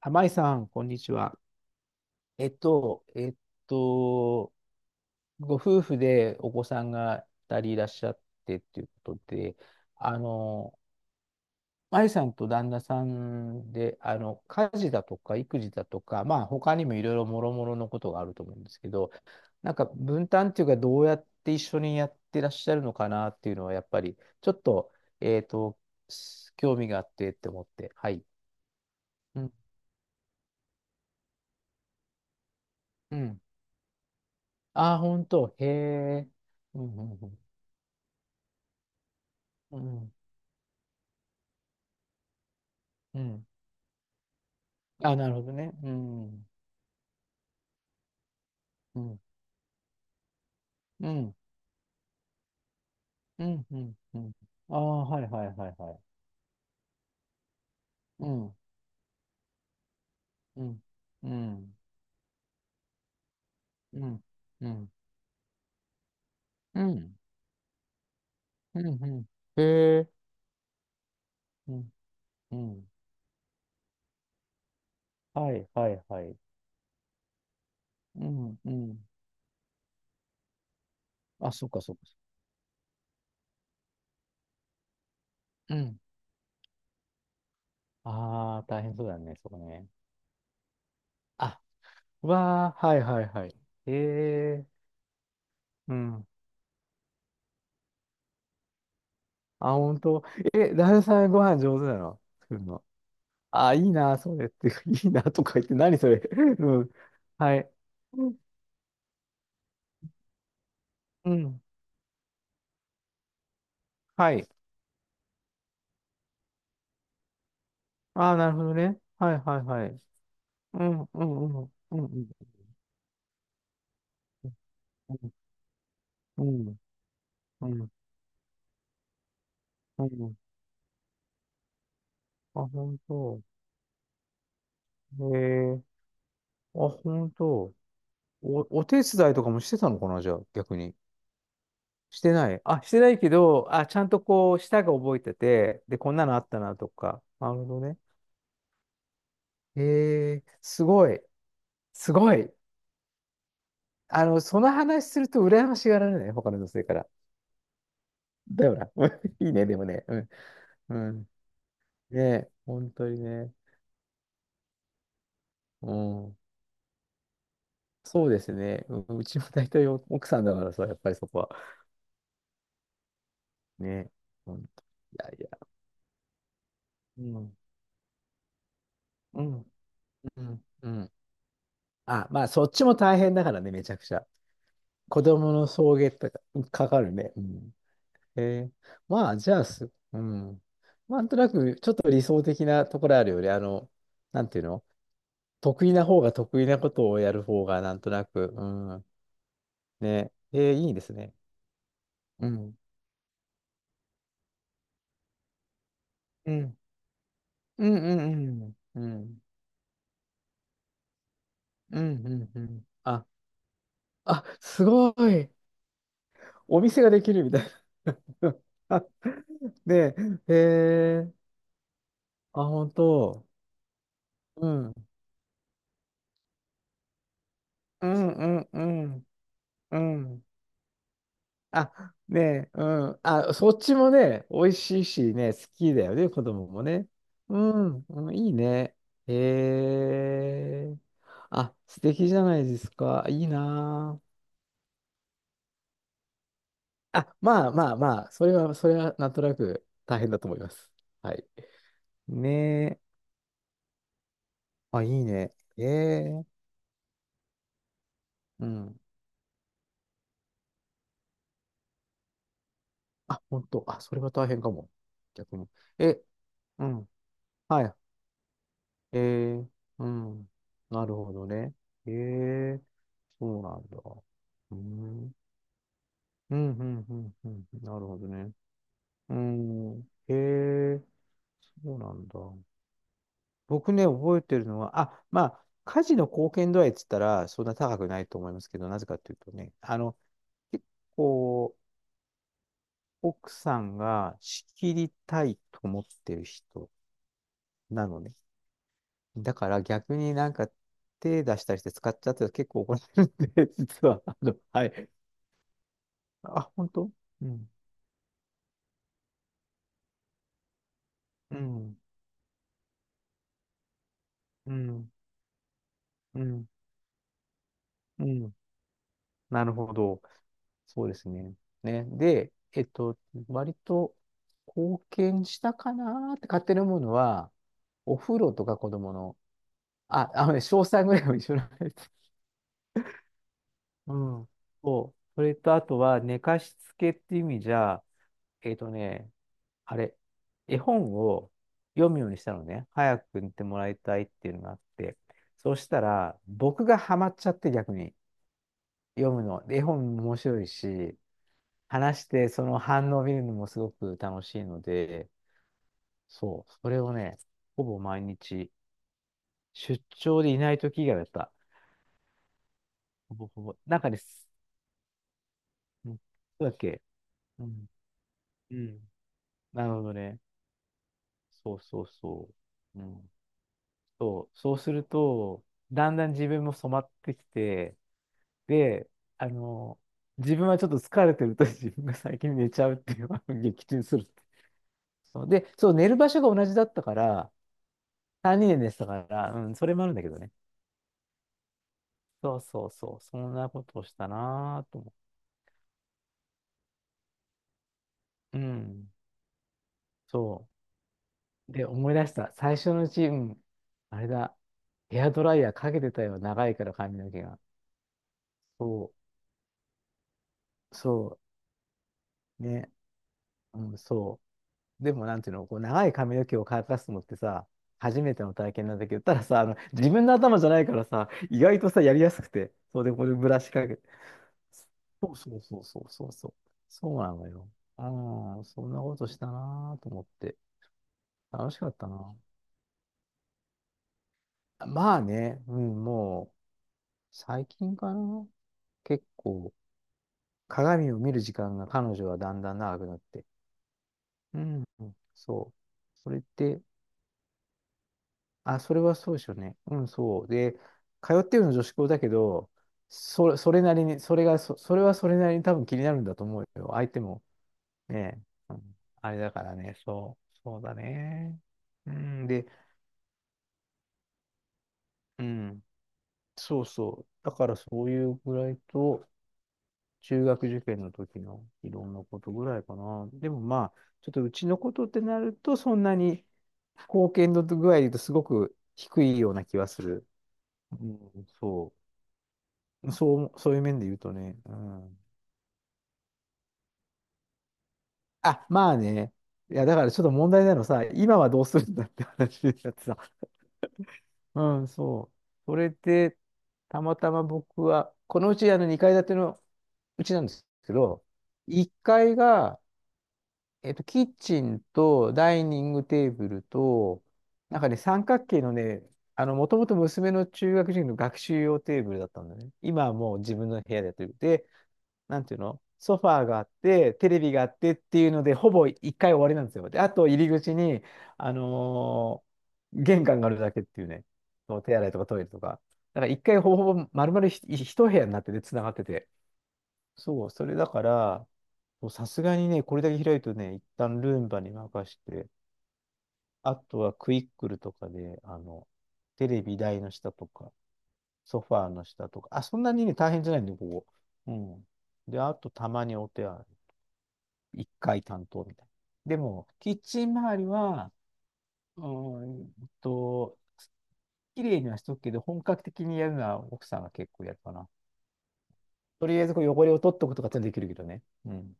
玉井さん、こんにちは。えっと、えっと、ご夫婦でお子さんが2人いらっしゃってっていうことで、あの、舞さんと旦那さんで、家事だとか育児だとか、まあ、他にもいろいろもろもろのことがあると思うんですけど、なんか分担っていうか、どうやって一緒にやってらっしゃるのかなっていうのは、やっぱり、ちょっと、えっと、興味があってって思って、はい。うん。うん、ああ、本当。へえ。うん、うん、うん。うん、うん、あ、なるほどね。うん。うん。うん。うん。うん。うん、ああ、はいはいはいはい。うん。うん。うん。うん。うん。うん。うん。うん、へえ。うん。うん。はいはいはい。うん。うん。あ、そっかそっか。うん。ああ、大変そうだね、そこね。あ、わあ、はいはいはい。へえ。うん。あ、本当。え、旦那さんご飯上手なの作るの。あ、いいな、それって、いいなとか言って、何それ。うん。はい。うん。うん、はい。ああ、なるほどね。はいはいはい。うん、うん、うん、うん、うん、うん、うん、うん。あ、へえ、あ、本当。お手伝いとかもしてたのかな、じゃあ、逆に。してない。あ、してないけど、あ、ちゃんとこう、舌が覚えてて、で、こんなのあったなとか。なるほどね。へえ、すごい。すごい。あの、その話すると羨ましがられない、他の女性から。だよな。いいね、でもね。うん。うん。ねえ、本当にね。うん。そうですね。うん、うちも大体お奥さんだからさ、やっぱりそこは。ね。本当。いやいや。うん。うん。うん。うん。あ、まあ、そっちも大変だからね、めちゃくちゃ。子供の送迎とか、かかるね。うん。えー、まあ、じゃあす、うん。なんとなく、ちょっと理想的なところあるよね。なんていうの、得意な方が得意なことをやる方がなんとなく、うん。ね。えー、いいですね。うん。うん。うんうんうん。うん。うんうんうん。あ、あ、すごい。お店ができるみたいな。あ、ねえ、へえ、あ、本当。うん。うんうんうん。うん。あ、ねえ、うん。あ、そっちもね、美味しいしね、好きだよね、子供もね。うん、うん、いいね。へえ。あ、素敵じゃないですか。いいなあ。あ、まあまあまあ、それは、それはなんとなく大変だと思います。はい。ねえ。あ、いいね。ええ。うん。あ、本当。あ、それは大変かも。逆に。え、うん。はい、ええ、うん。なるほどね。ええ、そうなんだ。うん。うん、うん、うん、うん。なるほどね。うん。ええ、そうなんだ。僕ね、覚えてるのは、あ、まあ、家事の貢献度合いっつったら、そんな高くないと思いますけど、なぜかというとね、結構、奥さんが仕切りたいと思ってる人なのね。だから逆になんか手出したりして使っちゃって結構怒られるんで、実は、はい。あ、本当。うん、うん、うん、うん、うん。なるほど。そうですね。ね。で、えっと、割と貢献したかなーって勝手に思うのは、お風呂とか子供の、あ、あのね、詳細ぐらいは一緒なんです。うん。そう。それとあとは寝かしつけっていう意味じゃ、えっとね、あれ、絵本を読むようにしたのね。早く見てもらいたいっていうのがあって。そうしたら、僕がハマっちゃって逆に読むの。で、絵本も面白いし、話してその反応を見るのもすごく楽しいので、そう、それをね、ほぼ毎日、出張でいない時以外だった。ほぼほぼ。中です。うん、そうだっけ、うん。うん。なるほどね。そうそうそう。うん、そう、そうすると、だんだん自分も染まってきて、で、あの、自分はちょっと疲れてると 自分が最近寝ちゃうっていうのを 撃沈するって、そう。で、そう、寝る場所が同じだったから、3年で寝てたから、うん、それもあるんだけどね。そうそうそう、そんなことをしたなぁと思う。うん、そう。で、思い出した。最初のうち、うん、あれだ、ヘアドライヤーかけてたよ、長いから髪の毛が。そう、そう、ね、うん、そう。でも、なんていうの、こう長い髪の毛を乾かすのってさ、初めての体験なんだけど、たださ、自分の頭じゃないからさ、意外とさ、やりやすくて、そうで、これブラシかけて。そうそうそうそうそうそう。そうなのよ。ああ、そんなことしたなーと思って。楽しかったな。まあね、うん、もう、最近かな。結構、鏡を見る時間が彼女はだんだん長くなって。うん、そう。それって、あ、それはそうでしょうね。うん、そう。で、通ってるの女子校だけど、それなりに、それはそれなりに多分気になるんだと思うよ。相手もね、うん、あれだからね、そう、そうだね。うん、で、うん、そうそう。だからそういうぐらいと、中学受験の時のいろんなことぐらいかな。でもまあ、ちょっとうちのことってなると、そんなに貢献度具合で言うとすごく低いような気はする。うん、そう。そう、そういう面で言うとね。うん。あ、まあね。いや、だからちょっと問題なのさ、今はどうするんだって話になってさ。うん、そう。それで、たまたま僕は、このうち2階建てのうちなんですけど、1階が、えっと、キッチンとダイニングテーブルと、なんかね、三角形のね、もともと娘の中学時の学習用テーブルだったんだね。今はもう自分の部屋でやってる。で、なんていうの、ソファーがあって、テレビがあってっていうので、ほぼ一回終わりなんですよ。で、あと入り口に、あのー玄関があるだけっていうね、そう、手洗いとかトイレとか。だから一回ほぼほぼ丸々一部屋になってて、繋がってて。そう、それだから、そうさすがにね、これだけ開いとね、一旦ルンバに任して、あとはクイックルとかで、テレビ台の下とか、ソファーの下とか、あ、そんなにね、大変じゃないんで、ここ。うん。で、あとたまにお手洗い。一回担当みたいな。でも、キッチン周りは、うーんと、綺麗にはしとくけど、本格的にやるのは奥さんが結構やるかな。とりあえずこう汚れを取っとくとかってできるけどね。うん。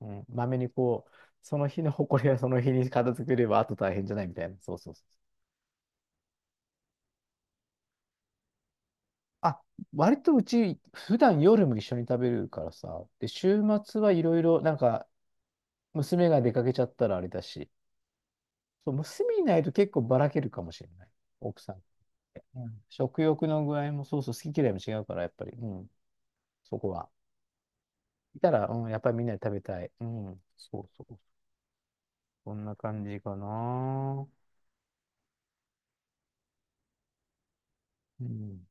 うん。まめにこう、その日の埃はその日に片付ければ、あと大変じゃないみたいな。そうそうそう。あ、割とうち、普段夜も一緒に食べるからさ。で、週末はいろいろ、なんか、娘が出かけちゃったらあれだし。そう、娘いないと結構ばらけるかもしれない。奥さん。うん、食欲の具合もそうそう、好き嫌いも違うから、やっぱり、うん、そこは。いたら、うん、やっぱりみんなで食べたい。うん、そうそう。そんな感じかな。うん、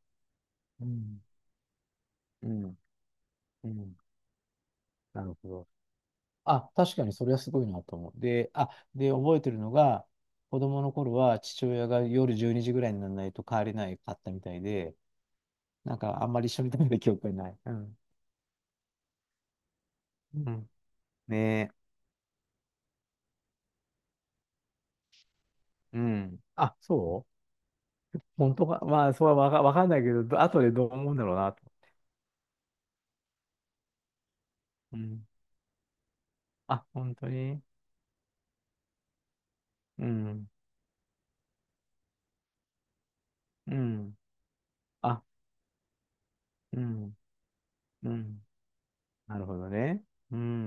うん、うん、うん。なるほど。あ、確かにそれはすごいなと思う。で、あ、で、覚えてるのが、子供の頃は父親が夜12時ぐらいにならないと帰れないかったみたいで、なんかあんまり一緒に食べた記憶がない。うん。うん。ねえ。うん。あ、そう、本当か、まあ、それはわかんないけど、後でどう思うんだろうなと。うん。あ、本当に、うん。うん。あ、うん。うん。なるほどね。うん。